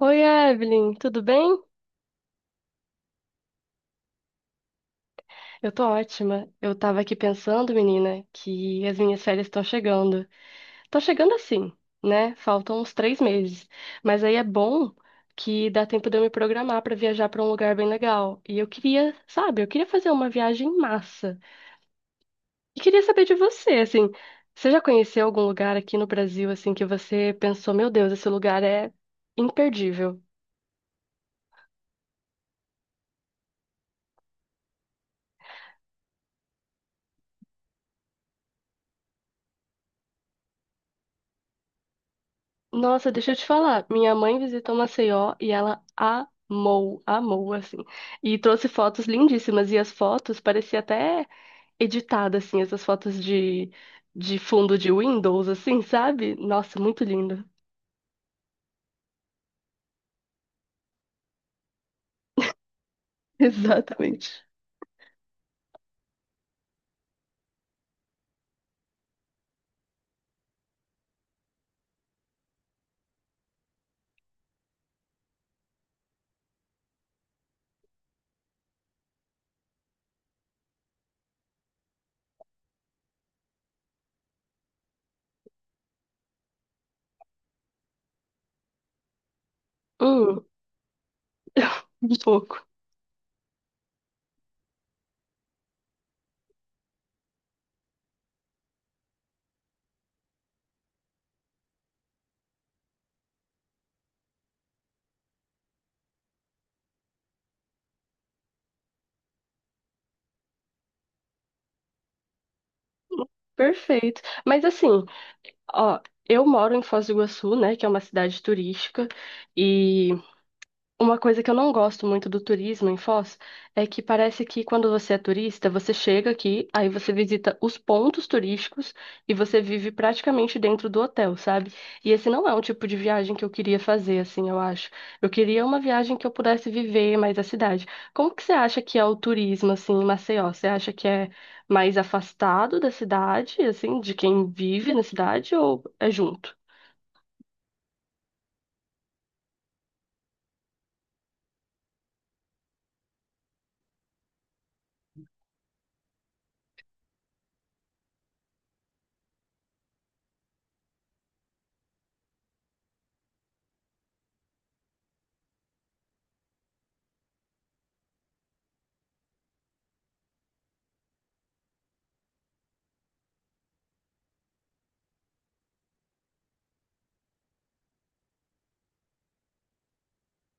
Oi, Evelyn, tudo bem? Eu tô ótima. Eu tava aqui pensando, menina, que as minhas férias estão chegando. Estão chegando assim, né? Faltam uns 3 meses. Mas aí é bom que dá tempo de eu me programar pra viajar pra um lugar bem legal. E eu queria, sabe, eu queria fazer uma viagem massa. E queria saber de você, assim, você já conheceu algum lugar aqui no Brasil, assim, que você pensou, meu Deus, esse lugar é imperdível? Nossa, deixa eu te falar. Minha mãe visitou Maceió e ela amou, amou, assim. E trouxe fotos lindíssimas. E as fotos parecia até editada, assim, essas fotos de fundo de Windows, assim, sabe? Nossa, muito lindo. Exatamente. Hum, um pouco. Perfeito. Mas assim, ó, eu moro em Foz do Iguaçu, né, que é uma cidade turística, e uma coisa que eu não gosto muito do turismo em Foz é que parece que quando você é turista, você chega aqui, aí você visita os pontos turísticos e você vive praticamente dentro do hotel, sabe? E esse não é um tipo de viagem que eu queria fazer, assim, eu acho. Eu queria uma viagem que eu pudesse viver mais a cidade. Como que você acha que é o turismo, assim, em Maceió? Você acha que é mais afastado da cidade, assim, de quem vive na cidade ou é junto?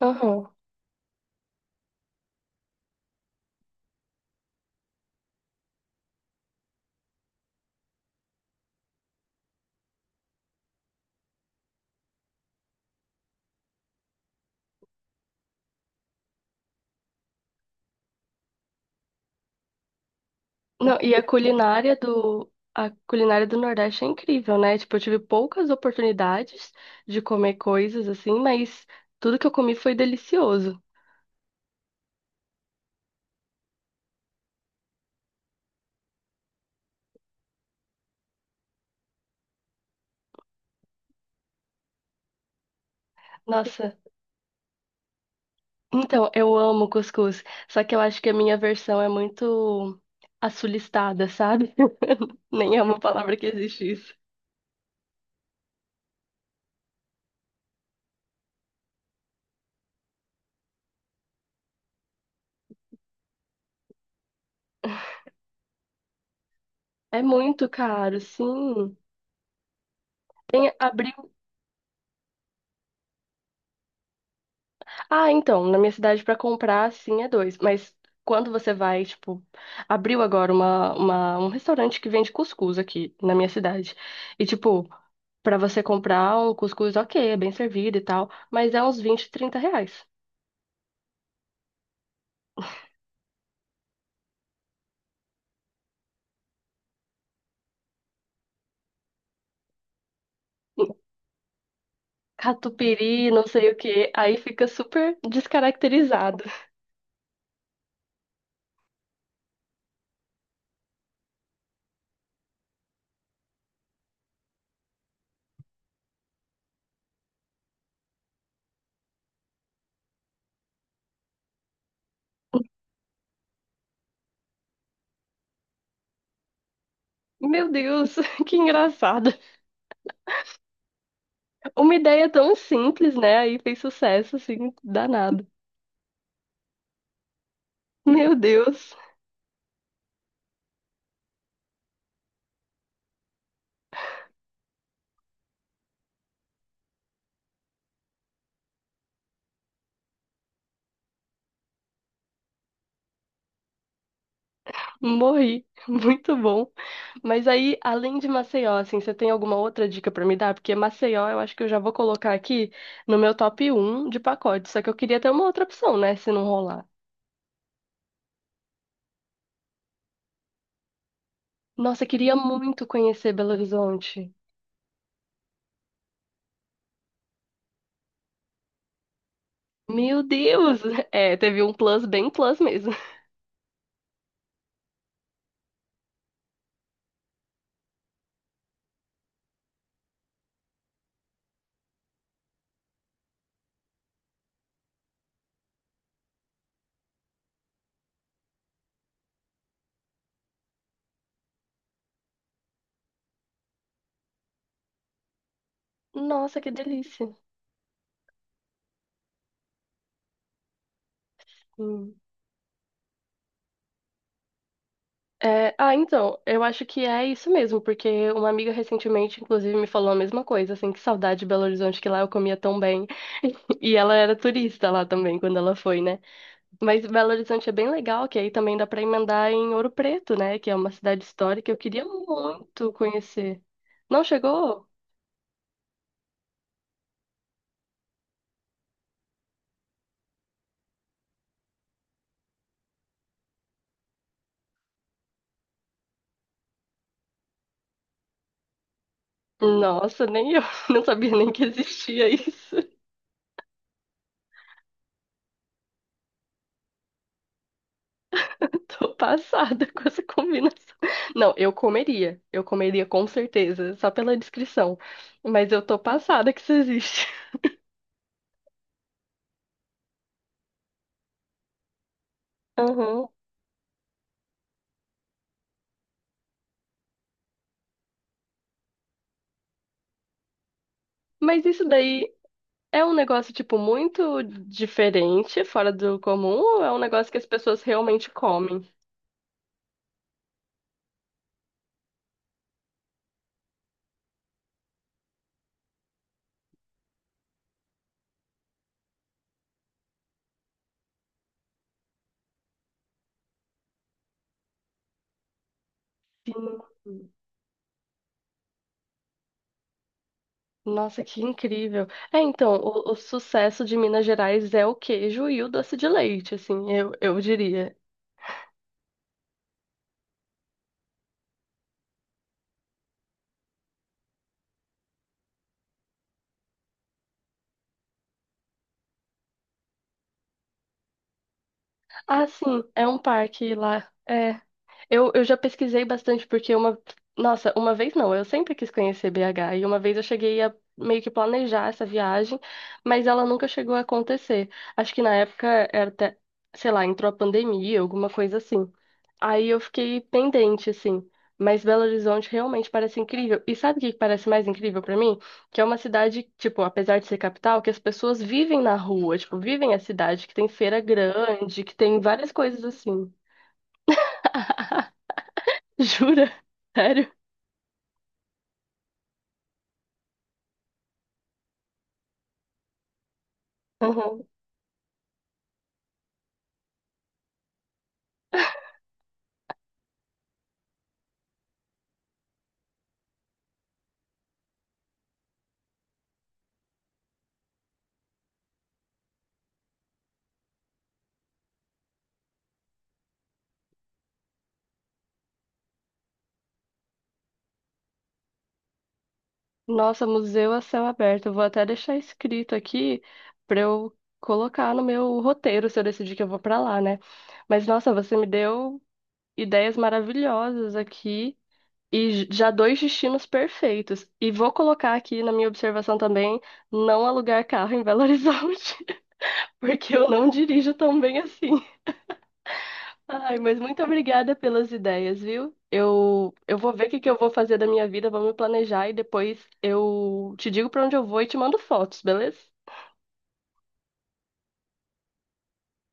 Aham. Não, e a culinária do Nordeste é incrível, né? Tipo, eu tive poucas oportunidades de comer coisas assim, mas tudo que eu comi foi delicioso. Nossa, então eu amo cuscuz, só que eu acho que a minha versão é muito assulistada, sabe? Nem é uma palavra que existe isso. É muito caro, sim. Tem, ah, então, na minha cidade pra comprar, sim, é dois. Mas quando você vai, tipo, abriu agora um restaurante que vende cuscuz aqui na minha cidade. E, tipo, pra você comprar um cuscuz, ok, é bem servido e tal, mas é uns 20, trinta reais. Catupiry, não sei o quê, aí fica super descaracterizado. Meu Deus, que engraçado. Uma ideia tão simples, né? Aí fez sucesso, assim, danado. Meu Deus. Morri, muito bom. Mas aí, além de Maceió, assim, você tem alguma outra dica pra me dar? Porque Maceió, eu acho que eu já vou colocar aqui no meu top um de pacote. Só que eu queria ter uma outra opção, né, se não rolar. Nossa, eu queria muito conhecer Belo Horizonte. Meu Deus! É, teve um plus bem plus mesmo. Nossa, que delícia. É, ah, então, eu acho que é isso mesmo, porque uma amiga recentemente, inclusive, me falou a mesma coisa, assim, que saudade de Belo Horizonte, que lá eu comia tão bem. E ela era turista lá também, quando ela foi, né? Mas Belo Horizonte é bem legal, que aí também dá pra emendar em Ouro Preto, né? Que é uma cidade histórica, eu queria muito conhecer. Não chegou? Nossa, nem eu não sabia nem que existia isso. Tô passada com essa combinação. Não, eu comeria. Eu comeria com certeza, só pela descrição. Mas eu tô passada que isso existe. Aham. Mas isso daí é um negócio, tipo, muito diferente, fora do comum, ou é um negócio que as pessoas realmente comem? Sim. Nossa, que incrível. É, então, o sucesso de Minas Gerais é o queijo e o doce de leite, assim, eu diria. Ah, sim, é um parque lá. É. Eu já pesquisei bastante, porque uma. Nossa, uma vez não, eu sempre quis conhecer BH, e uma vez eu cheguei a meio que planejar essa viagem, mas ela nunca chegou a acontecer. Acho que na época era até, sei lá, entrou a pandemia, alguma coisa assim. Aí eu fiquei pendente, assim. Mas Belo Horizonte realmente parece incrível. E sabe o que parece mais incrível pra mim? Que é uma cidade, tipo, apesar de ser capital, que as pessoas vivem na rua, tipo, vivem a cidade, que tem feira grande, que tem várias coisas assim. Jura? Sério? Uhum. Nossa, museu a céu aberto. Eu vou até deixar escrito aqui pra eu colocar no meu roteiro se eu decidir que eu vou pra lá, né? Mas nossa, você me deu ideias maravilhosas aqui e já dois destinos perfeitos. E vou colocar aqui na minha observação também, não alugar carro em Belo Horizonte, porque eu não dirijo tão bem assim. Ai, mas muito obrigada pelas ideias, viu? Eu vou ver o que que eu vou fazer da minha vida, vou me planejar e depois eu te digo pra onde eu vou e te mando fotos, beleza?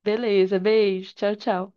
Beleza, beijo, tchau, tchau.